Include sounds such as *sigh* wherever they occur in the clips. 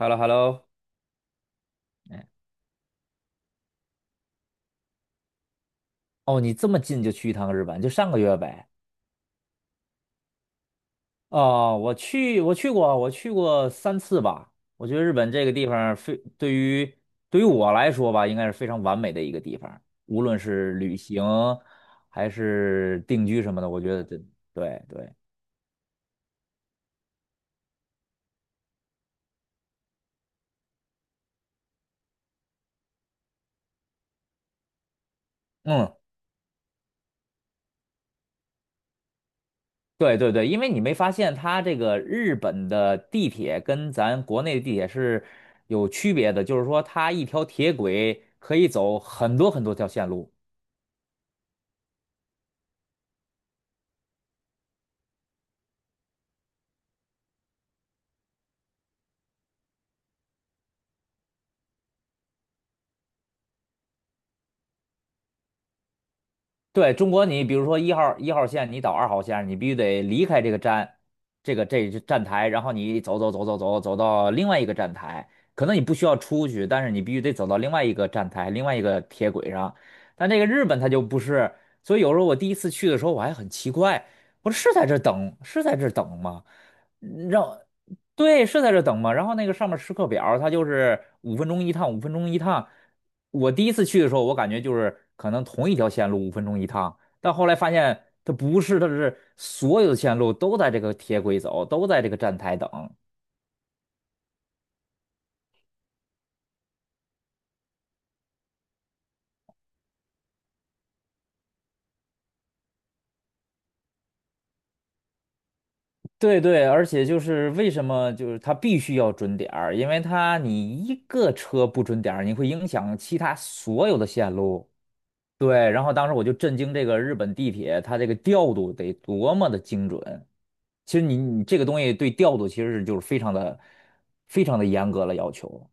h e l l o h e l l o 哦，你这么近就去一趟日本，就上个月呗。哦，我去过，三次吧。我觉得日本这个地方非对于我来说吧，应该是非常完美的一个地方，无论是旅行还是定居什么的，我觉得这对对。嗯，对对对，因为你没发现它这个日本的地铁跟咱国内的地铁是有区别的，就是说它一条铁轨可以走很多很多条线路。对，中国，你比如说一号线，你到二号线，你必须得离开这个站，这个站台，然后你走走走走走走到另外一个站台，可能你不需要出去，但是你必须得走到另外一个站台，另外一个铁轨上。但这个日本它就不是，所以有时候我第一次去的时候，我还很奇怪，我说是在这儿等，是在这儿等吗？让对，是在这等嘛，然后那个上面时刻表，它就是五分钟一趟，五分钟一趟。我第一次去的时候，我感觉就是可能同一条线路五分钟一趟，但后来发现它不是，它是所有的线路都在这个铁轨走，都在这个站台等。对对，而且就是为什么就是它必须要准点儿，因为一个车不准点儿，你会影响其他所有的线路。对，然后当时我就震惊这个日本地铁，它这个调度得多么的精准。其实你这个东西对调度其实就是非常的非常的严格了要求，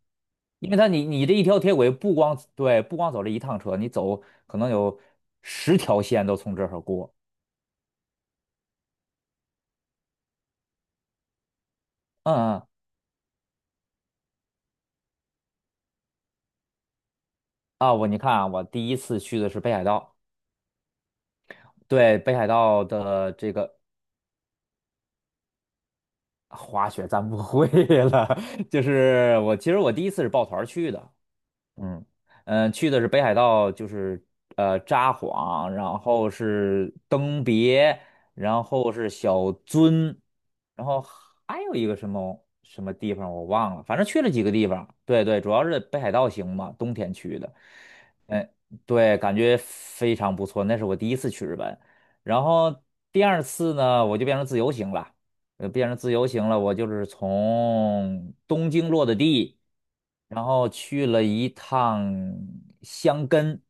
因为它你你这一条铁轨不光走这一趟车，你走可能有十条线都从这儿过。嗯嗯，啊，你看啊，我第一次去的是北海道，对，北海道的这个滑雪咱不会了。*laughs* 就是我其实第一次是抱团儿去的，嗯嗯，去的是北海道，就是札幌，然后是登别，然后是小樽，然后还有一个什么什么地方我忘了，反正去了几个地方。对对，主要是北海道行嘛，冬天去的。嗯，对，感觉非常不错。那是我第一次去日本，然后第二次呢，我就变成自由行了。变成自由行了，我就是从东京落的地，然后去了一趟箱根，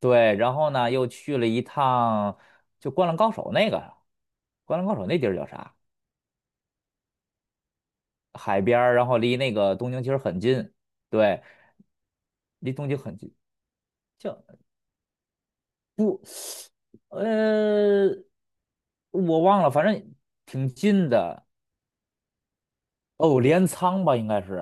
对，然后呢又去了一趟就《灌篮高手》那个，《灌篮高手》那地儿叫啥？海边儿，然后离那个东京其实很近，对，离东京很近，叫不呃，我忘了，反正挺近的。哦，镰仓吧，应该是。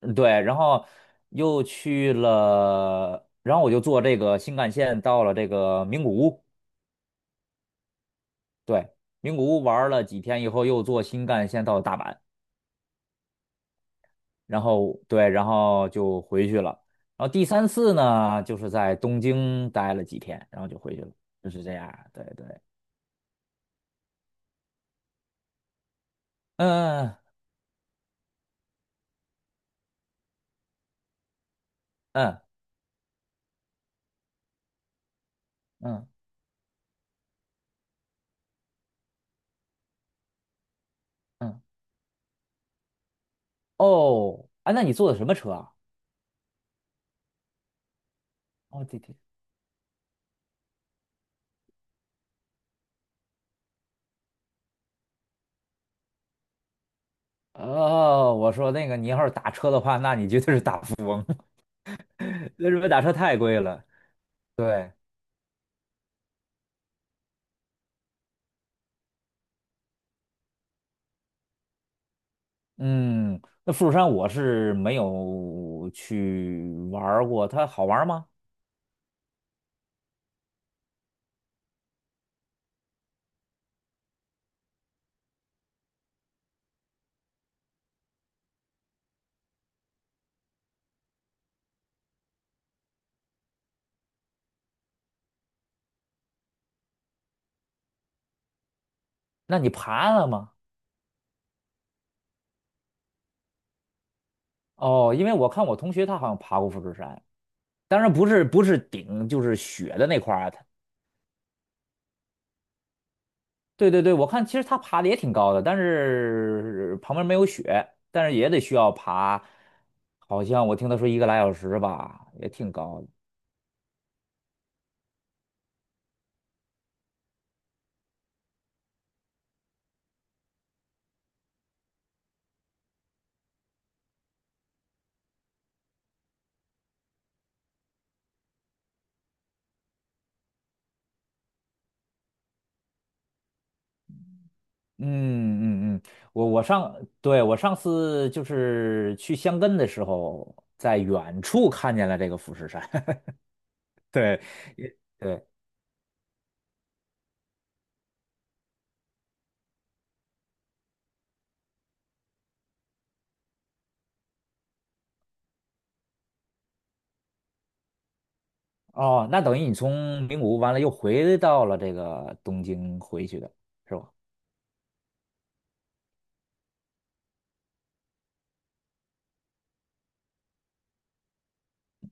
嗯，对，然后又去了，然后我就坐这个新干线到了这个名古屋，对，名古屋玩了几天以后，又坐新干线到了大阪。然后对，然后就回去了。然后第三次呢，就是在东京待了几天，然后就回去了，就是这样。对对，嗯嗯嗯嗯，哦，啊，那你坐的什么车啊？哦，地铁。哦，我说那个你要是打车的话，那你绝对是大富。*laughs* 那日本打车太贵了。对，嗯，那富士山我是没有去玩儿过，它好玩儿吗？那你爬了吗？哦，因为我看我同学他好像爬过富士山，当然不是顶，就是雪的那块儿啊。它对对对，我看其实它爬的也挺高的，但是旁边没有雪，但是也得需要爬，好像我听他说一个来小时吧，也挺高的。嗯嗯嗯，我我上，对，我上次就是去箱根的时候，在远处看见了这个富士山。*laughs* 对，也对，哦，那等于你从名古屋完了又回到了这个东京回去的是吧？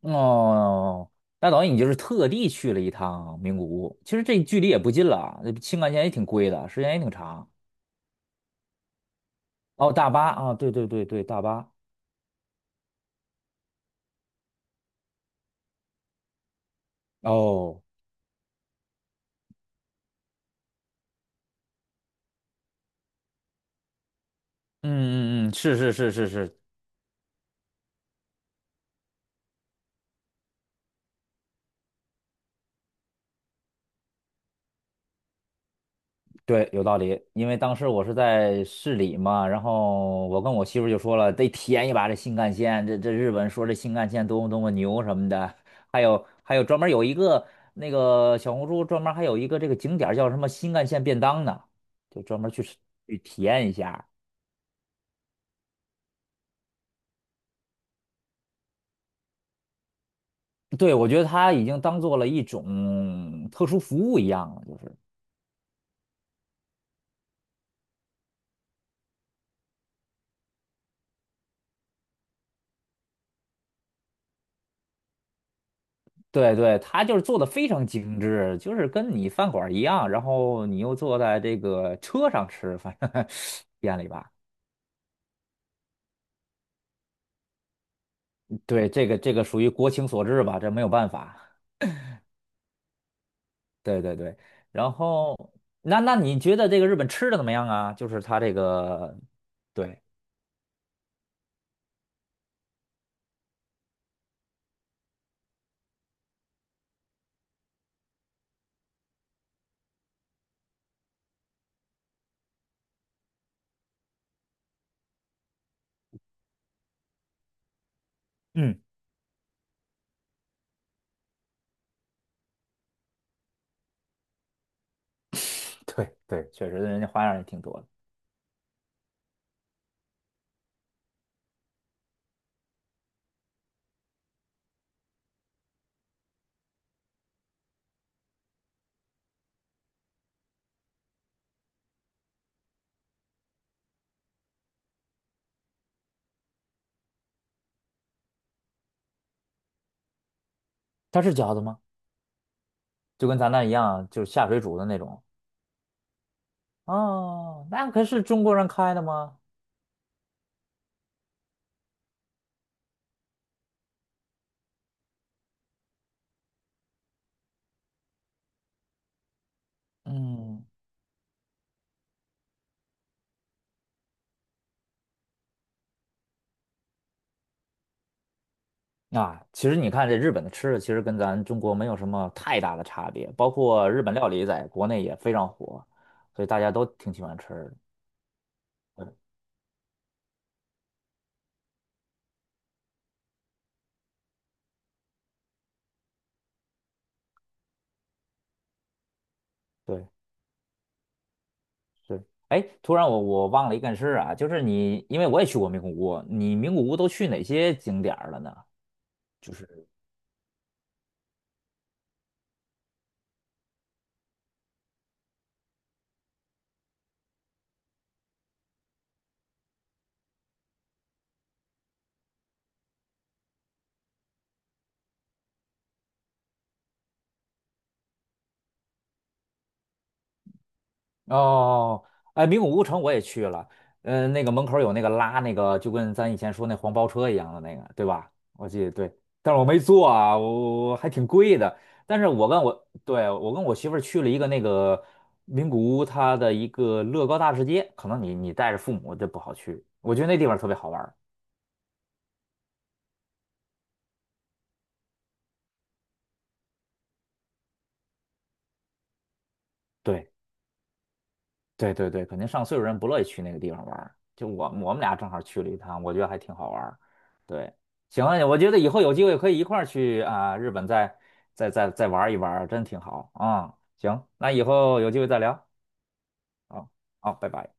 哦，那等于你就是特地去了一趟名古屋，其实这距离也不近了啊，那青干线也挺贵的，时间也挺长。哦，大巴啊，对对对对，大巴。哦，嗯嗯嗯，是是是是是，对，有道理，因为当时我是在市里嘛，然后我跟我媳妇儿就说了，得体验一把这新干线，这日本说这新干线多么多么牛什么的，还有专门有一个那个小红书专门还有一个这个景点儿叫什么新干线便当呢，就专门去吃去体验一下。对，我觉得它已经当做了一种特殊服务一样了，就是。对对，它就是做的非常精致，就是跟你饭馆儿一样，然后你又坐在这个车上吃，反正 *laughs* 店里吧。对，这个这个属于国情所致吧，这没有办法。对对对，然后那你觉得这个日本吃的怎么样啊？就是它这个，对，嗯，*laughs* 对对，确实人家花样也挺多的。它是饺子吗？就跟咱那一样，就是下水煮的那种。哦，那可是中国人开的吗？嗯。啊，其实你看这日本的吃的，其实跟咱中国没有什么太大的差别，包括日本料理在国内也非常火，所以大家都挺喜欢吃的。嗯，对，是。哎，突然我忘了一件事啊，就是你，因为我也去过名古屋，你名古屋都去哪些景点儿了呢？就是。哦，哎，名古屋城我也去了，嗯、那个门口有那个拉那个，就跟咱以前说那黄包车一样的那个，对吧？我记得对，但是我没坐啊，我还挺贵的。但是我跟我媳妇儿去了一个那个名古屋，它的一个乐高大世界，可能你带着父母就不好去，我觉得那地方特别好玩儿。对。对对对，肯定上岁数人不乐意去那个地方玩儿。就我们俩正好去了一趟，我觉得还挺好玩儿。对，行，我觉得以后有机会可以一块儿去啊，日本再再玩一玩儿真挺好啊。行，那以后有机会再聊。好，好，拜拜。